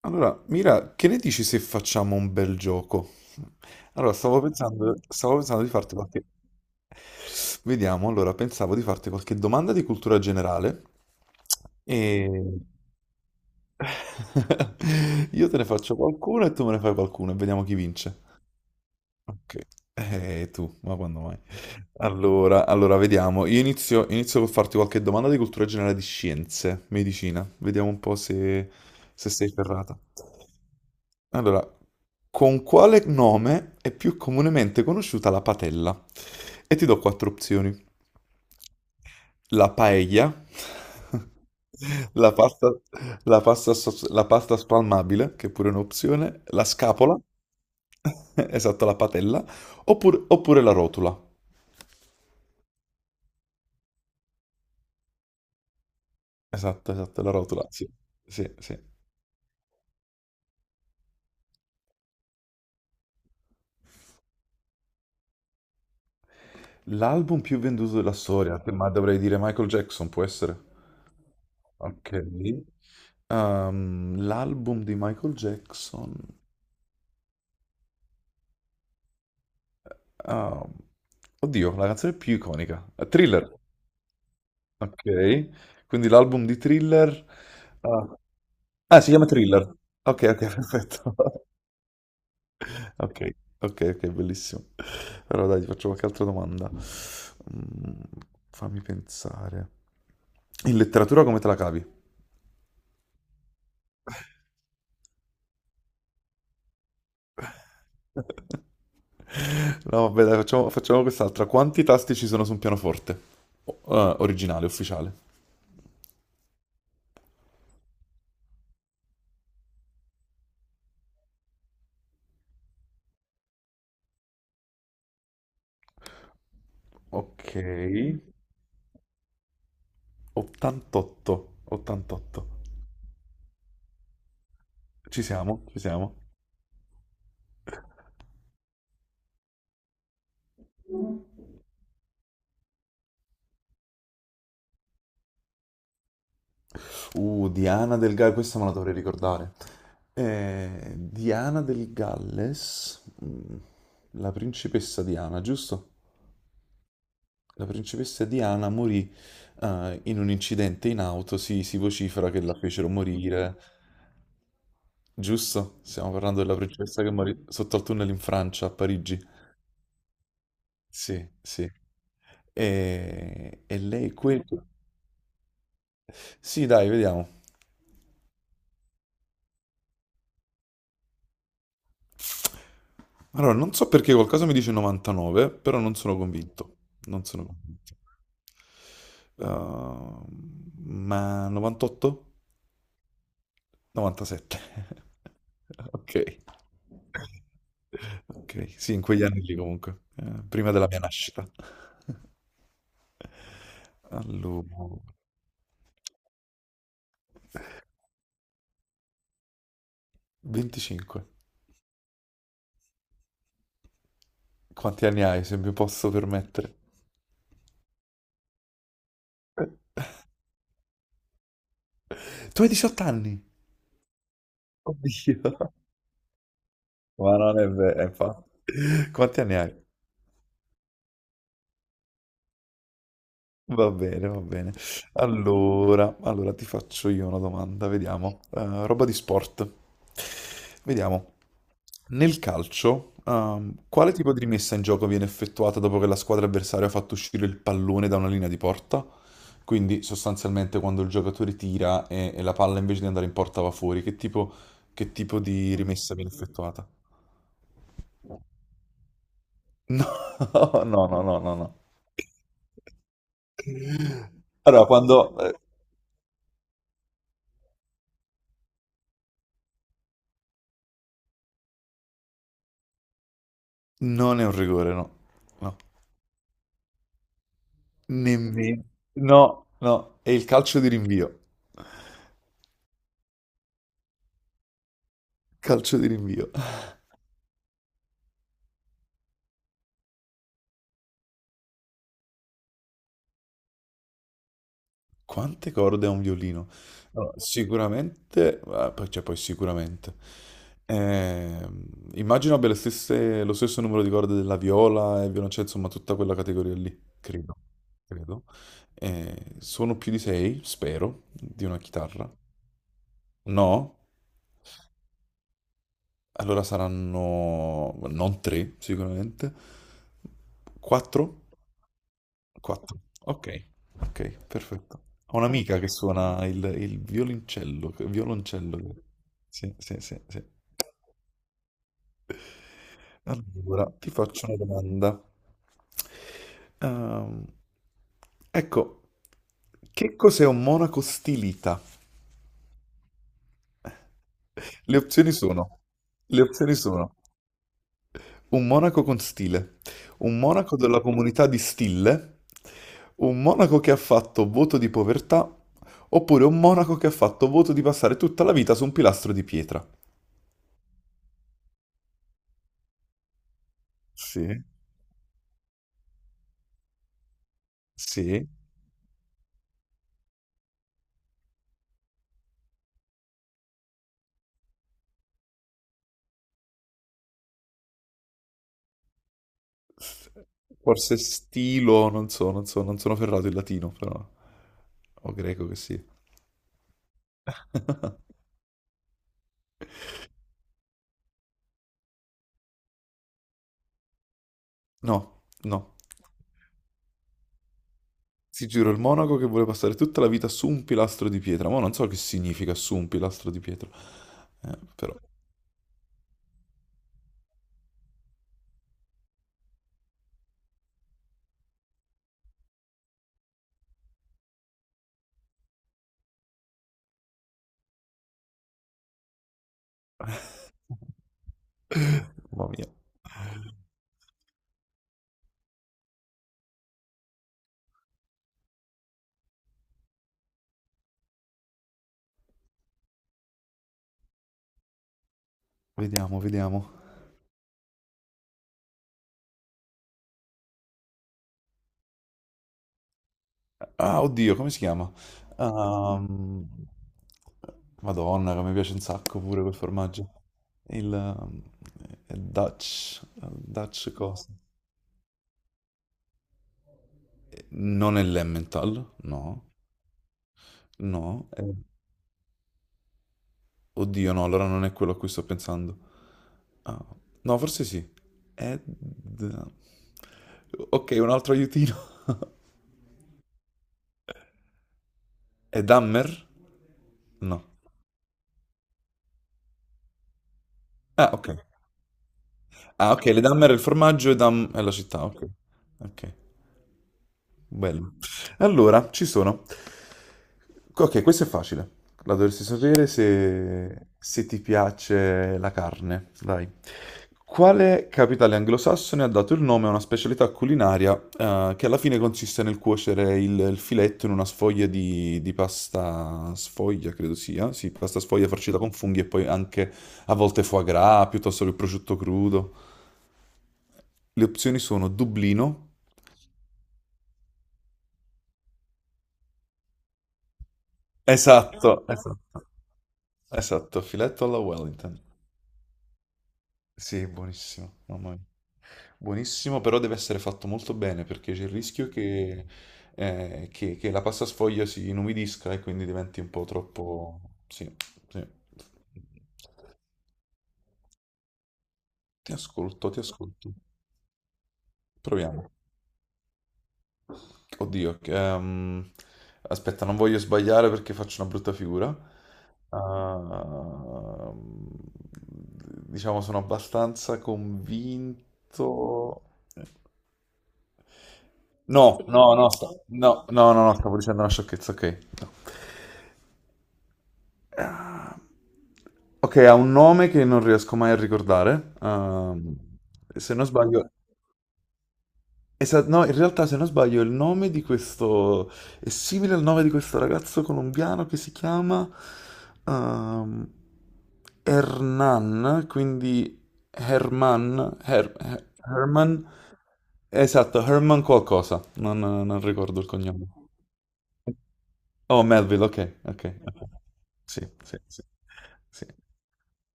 Allora, Mira, che ne dici se facciamo un bel gioco? Allora, stavo pensando di farti qualche... Vediamo, allora, pensavo di farti qualche domanda di cultura generale e... Io te ne faccio qualcuno e tu me ne fai qualcuno e vediamo chi vince. Ok, tu, ma quando mai? Allora, vediamo. Io inizio col farti qualche domanda di cultura generale di scienze, medicina. Vediamo un po' se sei ferrata. Allora, con quale nome è più comunemente conosciuta la patella? E ti do quattro opzioni. La paella, la pasta, la pasta spalmabile, che è pure un'opzione, la scapola, esatto, la patella, oppure la rotula. Esatto, esatto, la rotula, sì, sì, sì. L'album più venduto della storia, ma dovrei dire Michael Jackson, può essere? Ok. L'album di Michael Jackson. ehm, oddio, la canzone più iconica. Thriller. Ok, quindi l'album di Thriller... Ah, ah, si chiama Thriller. Ok, ok, perfetto. Ok, ok, ok, bellissimo. Allora dai, ti faccio qualche altra domanda. Mm, fammi pensare. In letteratura come te la cavi? No, vabbè, dai, facciamo quest'altra. Quanti tasti ci sono su un pianoforte? Originale, ufficiale. Ok, 88, 88. Ci siamo, ci siamo. Diana del Galles, questa me la dovrei ricordare. Diana del Galles, la principessa Diana, giusto? La principessa Diana morì in un incidente in auto, si vocifera che la fecero morire, giusto? Stiamo parlando della principessa che morì sotto al tunnel in Francia, a Parigi. Sì, sì. E lei quel... Sì, dai, vediamo. Allora, non so perché qualcosa mi dice 99, però non sono convinto. Non sono convinto. Uh, ma 98? 97. Ok. Ok, sì, in quegli anni lì comunque, prima della mia nascita. Allora, 25. Quanti anni hai, se mi posso permettere? Tu hai 18 anni? Oddio. Ma non è vero, infatti. Quanti anni hai? Va bene, va bene. Allora, ti faccio io una domanda, vediamo. Roba di sport. Vediamo. Nel calcio, quale tipo di rimessa in gioco viene effettuata dopo che la squadra avversaria ha fatto uscire il pallone da una linea di porta? Quindi sostanzialmente quando il giocatore tira e la palla invece di andare in porta va fuori, che tipo, di rimessa viene effettuata? No, no, no, no, no, no. Allora, quando... Non è un rigore, no. No. Nemmeno. No, no, è il calcio di rinvio. Calcio di rinvio. Quante corde ha un violino? No, sicuramente, ah, cioè poi sicuramente. Ehm, immagino abbia lo stesso numero di corde della viola e violoncello, insomma, tutta quella categoria lì, credo. Credo. Sono più di sei, spero, di una chitarra. No? Allora saranno non tre, sicuramente. Quattro? Quattro. Ok, ok, perfetto. Ho un'amica che suona il violoncello. Violoncello. Sì, sì, sì, sì. Allora, ti faccio una domanda. Ehm, ecco, che cos'è un monaco stilita? Le opzioni sono, le opzioni sono: un monaco con stile, un monaco della comunità di Stille, un monaco che ha fatto voto di povertà, oppure un monaco che ha fatto voto di passare tutta la vita su un pilastro di pietra. Sì, sì. Forse stilo, non so, non sono ferrato in latino, però. O greco che sì. No, no. Si giuro il monaco che vuole passare tutta la vita su un pilastro di pietra. Ma non so che significa su un pilastro di pietra. Però, mamma mia. Vediamo, vediamo. Ah, oddio, come si chiama? Ehm, Madonna, che mi piace un sacco pure quel formaggio. Il è Dutch cosa? Non è l'Emmental, no, no. Oddio, no, allora non è quello a cui sto pensando. Ah, no, forse sì. Ed... Ok, un altro aiutino. È Dammer? No. Ah, ok. Ah, ok, le Dammer è il formaggio e Dam è la città, ok. Ok. Bello. Allora, ci sono. Ok, questo è facile. La dovresti sapere se ti piace la carne. Dai. Quale capitale anglosassone ha dato il nome a una specialità culinaria, che alla fine consiste nel cuocere il filetto in una sfoglia di pasta sfoglia, credo sia. Sì, pasta sfoglia farcita con funghi e poi anche a volte foie gras, piuttosto che prosciutto crudo. Le opzioni sono Dublino. Esatto, esatto. Esatto, filetto alla Wellington. Sì, buonissimo, mamma mia. Buonissimo, però deve essere fatto molto bene perché c'è il rischio che la pasta sfoglia si inumidisca e quindi diventi un po' troppo... Sì, sì. Ti ascolto, ti ascolto. Proviamo. Oddio, aspetta, non voglio sbagliare perché faccio una brutta figura. Ehm, diciamo, sono abbastanza convinto. No, no, no, no, no, no, no, stavo dicendo una sciocchezza, ok. Ah, ok, ha un nome che non riesco mai a ricordare. Se non sbaglio... No, in realtà se non sbaglio il nome di questo... è simile al nome di questo ragazzo colombiano che si chiama... ehm, Hernan, quindi Herman... Herman... Esatto, Herman qualcosa. Non ricordo il cognome. Oh, Melville, ok, ok. Ok. Sì, sì, sì. Sì.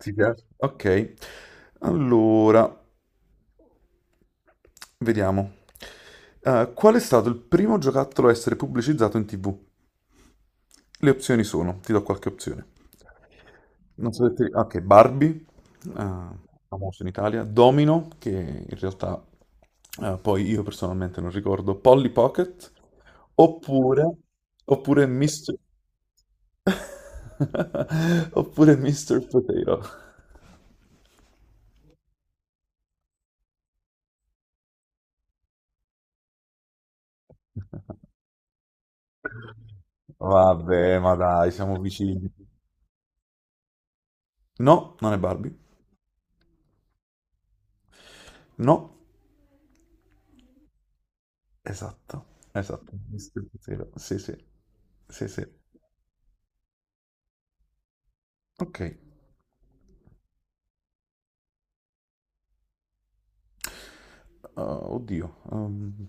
Ti piace? Ok. Allora, vediamo. Qual è stato il primo giocattolo a essere pubblicizzato in TV? Le opzioni sono, ti do qualche opzione. Non so se ti... Ok, Barbie, eh, famoso in Italia, Domino, che in realtà poi io personalmente non ricordo, Polly Pocket, oppure, oppure Mr. Oppure Mr. Potato. Vabbè, ma dai, siamo vicini. No, non è Barbie. No, esatto, esatto. Mr. Potato. Sì, sì, sì, sì. Ok. Oddio. um,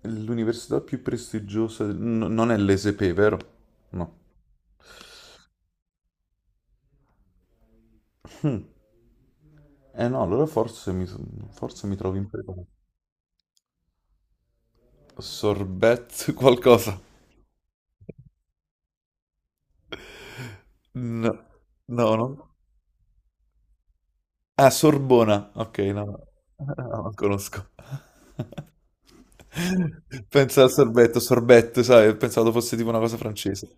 l'università più prestigiosa non è l'ESP, vero? No. Hmm. Eh no, allora forse mi trovo impreparato. Sorbet qualcosa. No, no, no. Ah, Sorbona. Ok, no, no, No, non conosco. Pensa al sorbetto, sorbetto, sai, pensavo fosse tipo una cosa francese.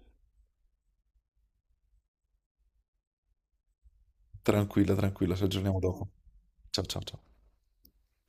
Tranquilla, tranquilla, ci aggiorniamo dopo. Ciao, ciao, ciao.